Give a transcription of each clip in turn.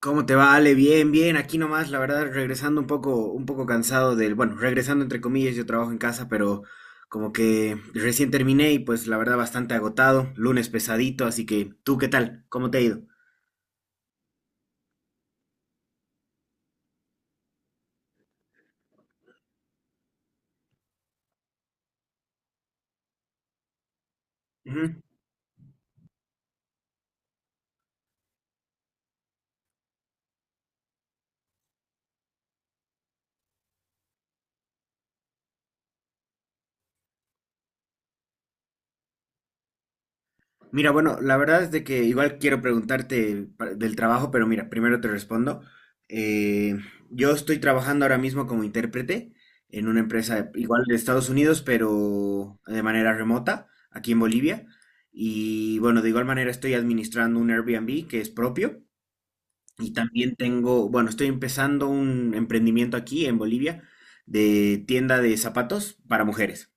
¿Cómo te va, Ale? Bien, bien. Aquí nomás, la verdad, regresando un poco cansado del, bueno, regresando entre comillas, yo trabajo en casa, pero como que recién terminé y pues la verdad bastante agotado, lunes pesadito, así que, ¿tú qué tal? ¿Cómo te ha ido? Ujú. Mira, bueno, la verdad es de que igual quiero preguntarte del trabajo, pero mira, primero te respondo. Eh, yo estoy trabajando ahora mismo como intérprete en una empresa igual de Estados Unidos, pero de manera remota, aquí en Bolivia. Y bueno, de igual manera estoy administrando un Airbnb que es propio. Y también tengo, bueno, estoy empezando un emprendimiento aquí en Bolivia de tienda de zapatos para mujeres.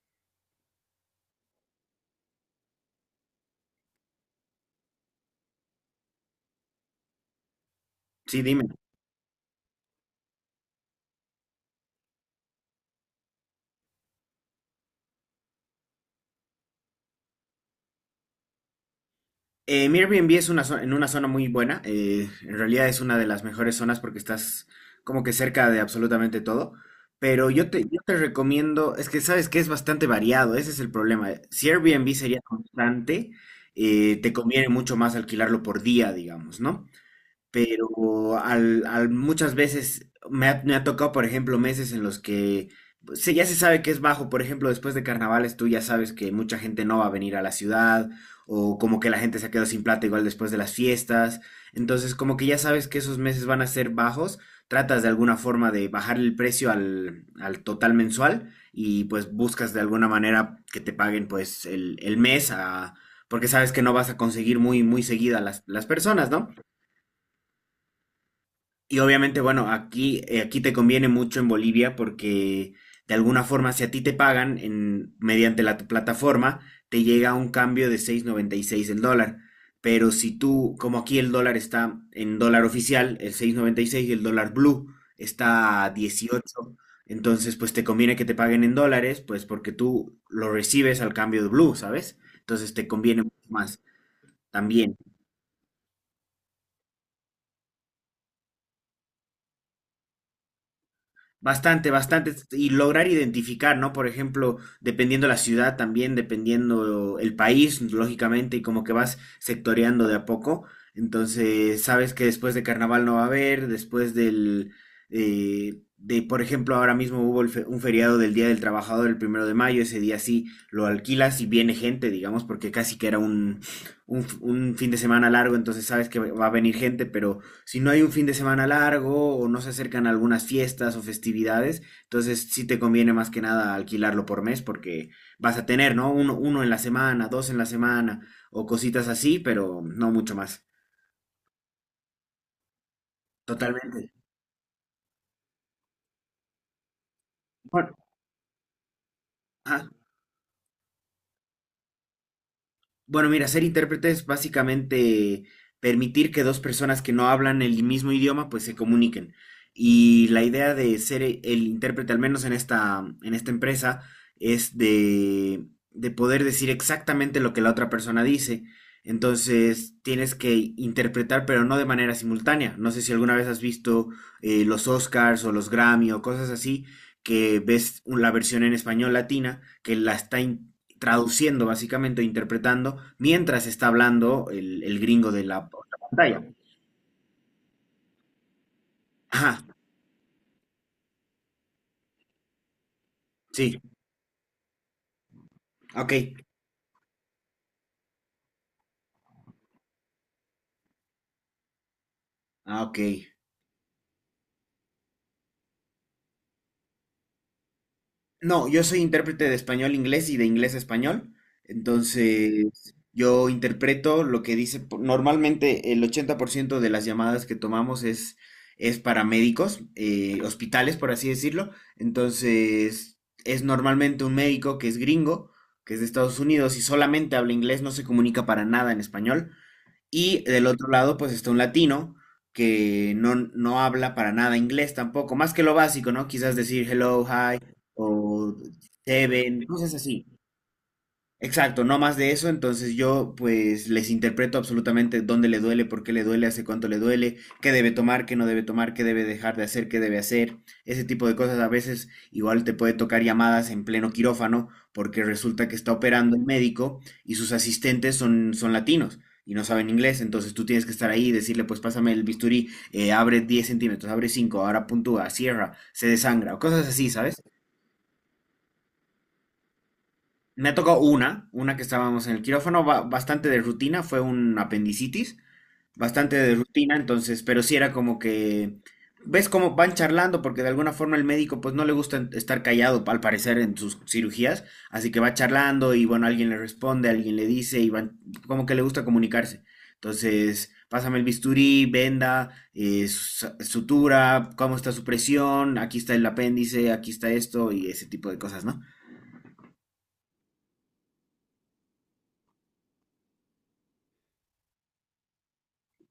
Sí, dime. Mi Airbnb es una en una zona muy buena. En realidad es una de las mejores zonas porque estás como que cerca de absolutamente todo. Pero yo te recomiendo, es que sabes que es bastante variado, ese es el problema. Si Airbnb sería constante, te conviene mucho más alquilarlo por día, digamos, ¿no? Pero muchas veces me ha tocado, por ejemplo, meses en los que ya se sabe que es bajo, por ejemplo, después de carnavales tú ya sabes que mucha gente no va a venir a la ciudad o como que la gente se ha quedado sin plata igual después de las fiestas, entonces como que ya sabes que esos meses van a ser bajos, tratas de alguna forma de bajar el precio al total mensual y pues buscas de alguna manera que te paguen pues el mes a... Porque sabes que no vas a conseguir muy, muy seguida las personas, ¿no? Y obviamente, bueno, aquí, aquí te conviene mucho en Bolivia porque de alguna forma, si a ti te pagan en, mediante la plataforma, te llega un cambio de 6,96 el dólar. Pero si tú, como aquí el dólar está en dólar oficial, el 6,96 y el dólar blue está a 18, entonces pues te conviene que te paguen en dólares, pues porque tú lo recibes al cambio de blue, ¿sabes? Entonces te conviene mucho más también. Bastante, bastante. Y lograr identificar, ¿no? Por ejemplo, dependiendo la ciudad también, dependiendo el país, lógicamente, y como que vas sectoreando de a poco. Entonces, sabes que después de carnaval no va a haber, después del, por ejemplo, ahora mismo hubo el un feriado del Día del Trabajador, el primero de mayo, ese día sí lo alquilas y viene gente, digamos, porque casi que era un fin de semana largo, entonces sabes que va a venir gente, pero si no hay un fin de semana largo o no se acercan algunas fiestas o festividades, entonces sí te conviene más que nada alquilarlo por mes porque vas a tener, ¿no? Uno, uno en la semana, dos en la semana o cositas así, pero no mucho más. Totalmente. Bueno, ajá. Bueno, mira, ser intérprete es básicamente permitir que dos personas que no hablan el mismo idioma pues se comuniquen. Y la idea de ser el intérprete, al menos en en esta empresa, es de poder decir exactamente lo que la otra persona dice. Entonces tienes que interpretar, pero no de manera simultánea. No sé si alguna vez has visto los Oscars o los Grammy o cosas así, que ves la versión en español latina, que la está traduciendo básicamente, interpretando, mientras está hablando el gringo de la otra pantalla. Ajá, sí, ok, ah, ok. No, yo soy intérprete de español a inglés y de inglés a español, entonces yo interpreto lo que dice, normalmente el 80% de las llamadas que tomamos es para médicos, hospitales, por así decirlo, entonces es normalmente un médico que es gringo, que es de Estados Unidos y solamente habla inglés, no se comunica para nada en español. Y del otro lado, pues está un latino que no, no habla para nada inglés tampoco, más que lo básico, ¿no? Quizás decir hello, hi, o seven, cosas así. Exacto, no más de eso, entonces yo pues les interpreto absolutamente dónde le duele, por qué le duele, hace cuánto le duele, qué debe tomar, qué no debe tomar, qué debe dejar de hacer, qué debe hacer, ese tipo de cosas. A veces igual te puede tocar llamadas en pleno quirófano porque resulta que está operando el médico y sus asistentes son latinos y no saben inglés, entonces tú tienes que estar ahí y decirle pues pásame el bisturí, abre 10 centímetros, abre 5, ahora puntúa, cierra, se desangra, o cosas así, ¿sabes? Me ha tocado una que estábamos en el quirófano, bastante de rutina, fue un apendicitis, bastante de rutina, entonces, pero sí era como que, ves cómo van charlando, porque de alguna forma el médico pues no le gusta estar callado, al parecer, en sus cirugías, así que va charlando y bueno, alguien le responde, alguien le dice y van, como que le gusta comunicarse. Entonces, pásame el bisturí, venda, sutura, cómo está su presión, aquí está el apéndice, aquí está esto y ese tipo de cosas, ¿no?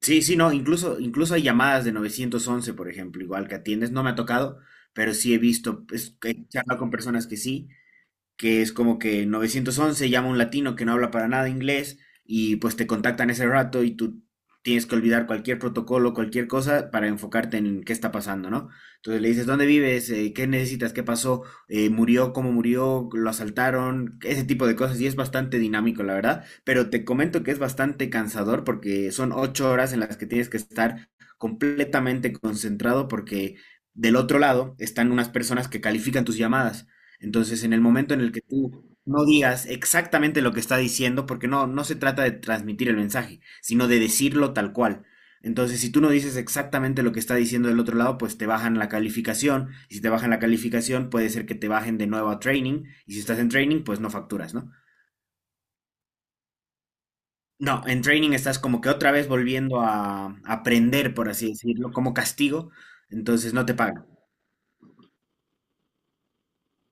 Sí, sí, no, incluso hay llamadas de 911, por ejemplo, igual que atiendes, no me ha tocado, pero sí he visto, pues, que he charlado con personas que sí, que es como que 911 llama a un latino que no habla para nada inglés y pues te contactan ese rato y tú tienes que olvidar cualquier protocolo, cualquier cosa para enfocarte en qué está pasando, ¿no? Entonces le dices, ¿dónde vives? ¿Qué necesitas? ¿Qué pasó? ¿Murió? ¿Cómo murió? ¿Lo asaltaron? Ese tipo de cosas y es bastante dinámico, la verdad, pero te comento que es bastante cansador porque son 8 horas en las que tienes que estar completamente concentrado porque del otro lado están unas personas que califican tus llamadas. Entonces, en el momento en el que tú no digas exactamente lo que está diciendo, porque no, no se trata de transmitir el mensaje, sino de decirlo tal cual. Entonces, si tú no dices exactamente lo que está diciendo del otro lado, pues te bajan la calificación. Y si te bajan la calificación, puede ser que te bajen de nuevo a training. Y si estás en training, pues no facturas, ¿no? No, en training estás como que otra vez volviendo a aprender, por así decirlo, como castigo. Entonces no te pagan.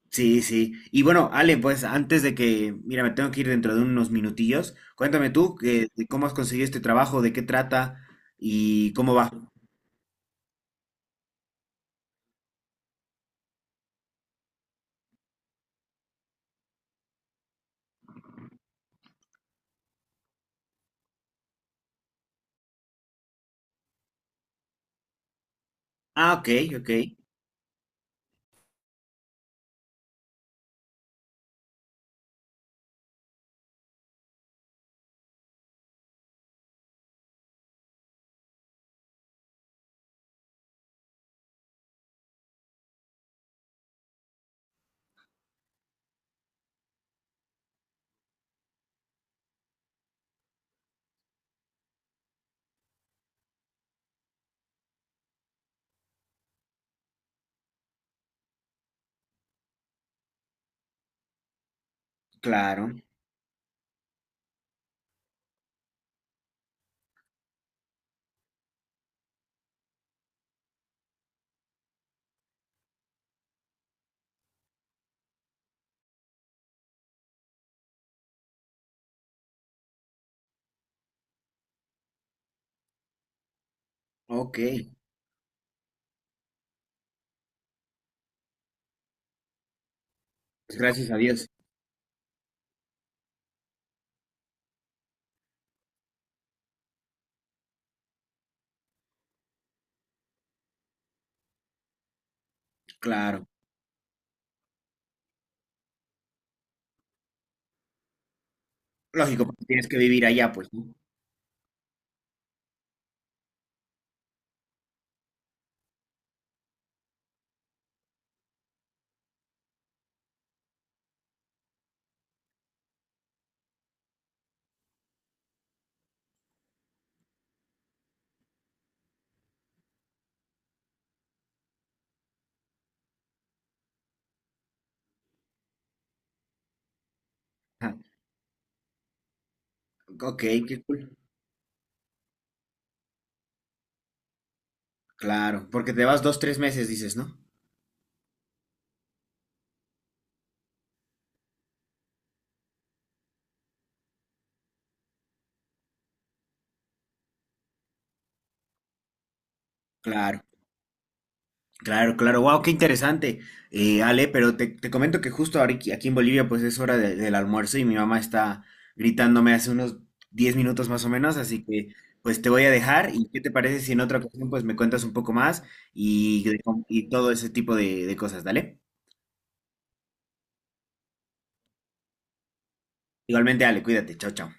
Sí, sí. Y bueno, Ale, pues antes de que, mira, me tengo que ir dentro de unos minutillos, cuéntame tú que, de cómo has conseguido este trabajo, de qué trata y cómo va. Ah, ok, ok, claro, ok. Pues gracias a Dios, claro. Lógico, porque tienes que vivir allá, pues, ¿no? Ajá. Ok, qué cool. Claro, porque te vas dos, tres meses, dices, ¿no? Claro. Claro, claro, wow, qué interesante, Ale, pero te comento que justo ahora aquí en Bolivia pues es hora del almuerzo y mi mamá está gritándome hace unos 10 minutos más o menos, así que pues te voy a dejar y qué te parece si en otra ocasión pues me cuentas un poco más y, de- y todo ese tipo de cosas, dale. Igualmente, Ale, cuídate, chao, chao.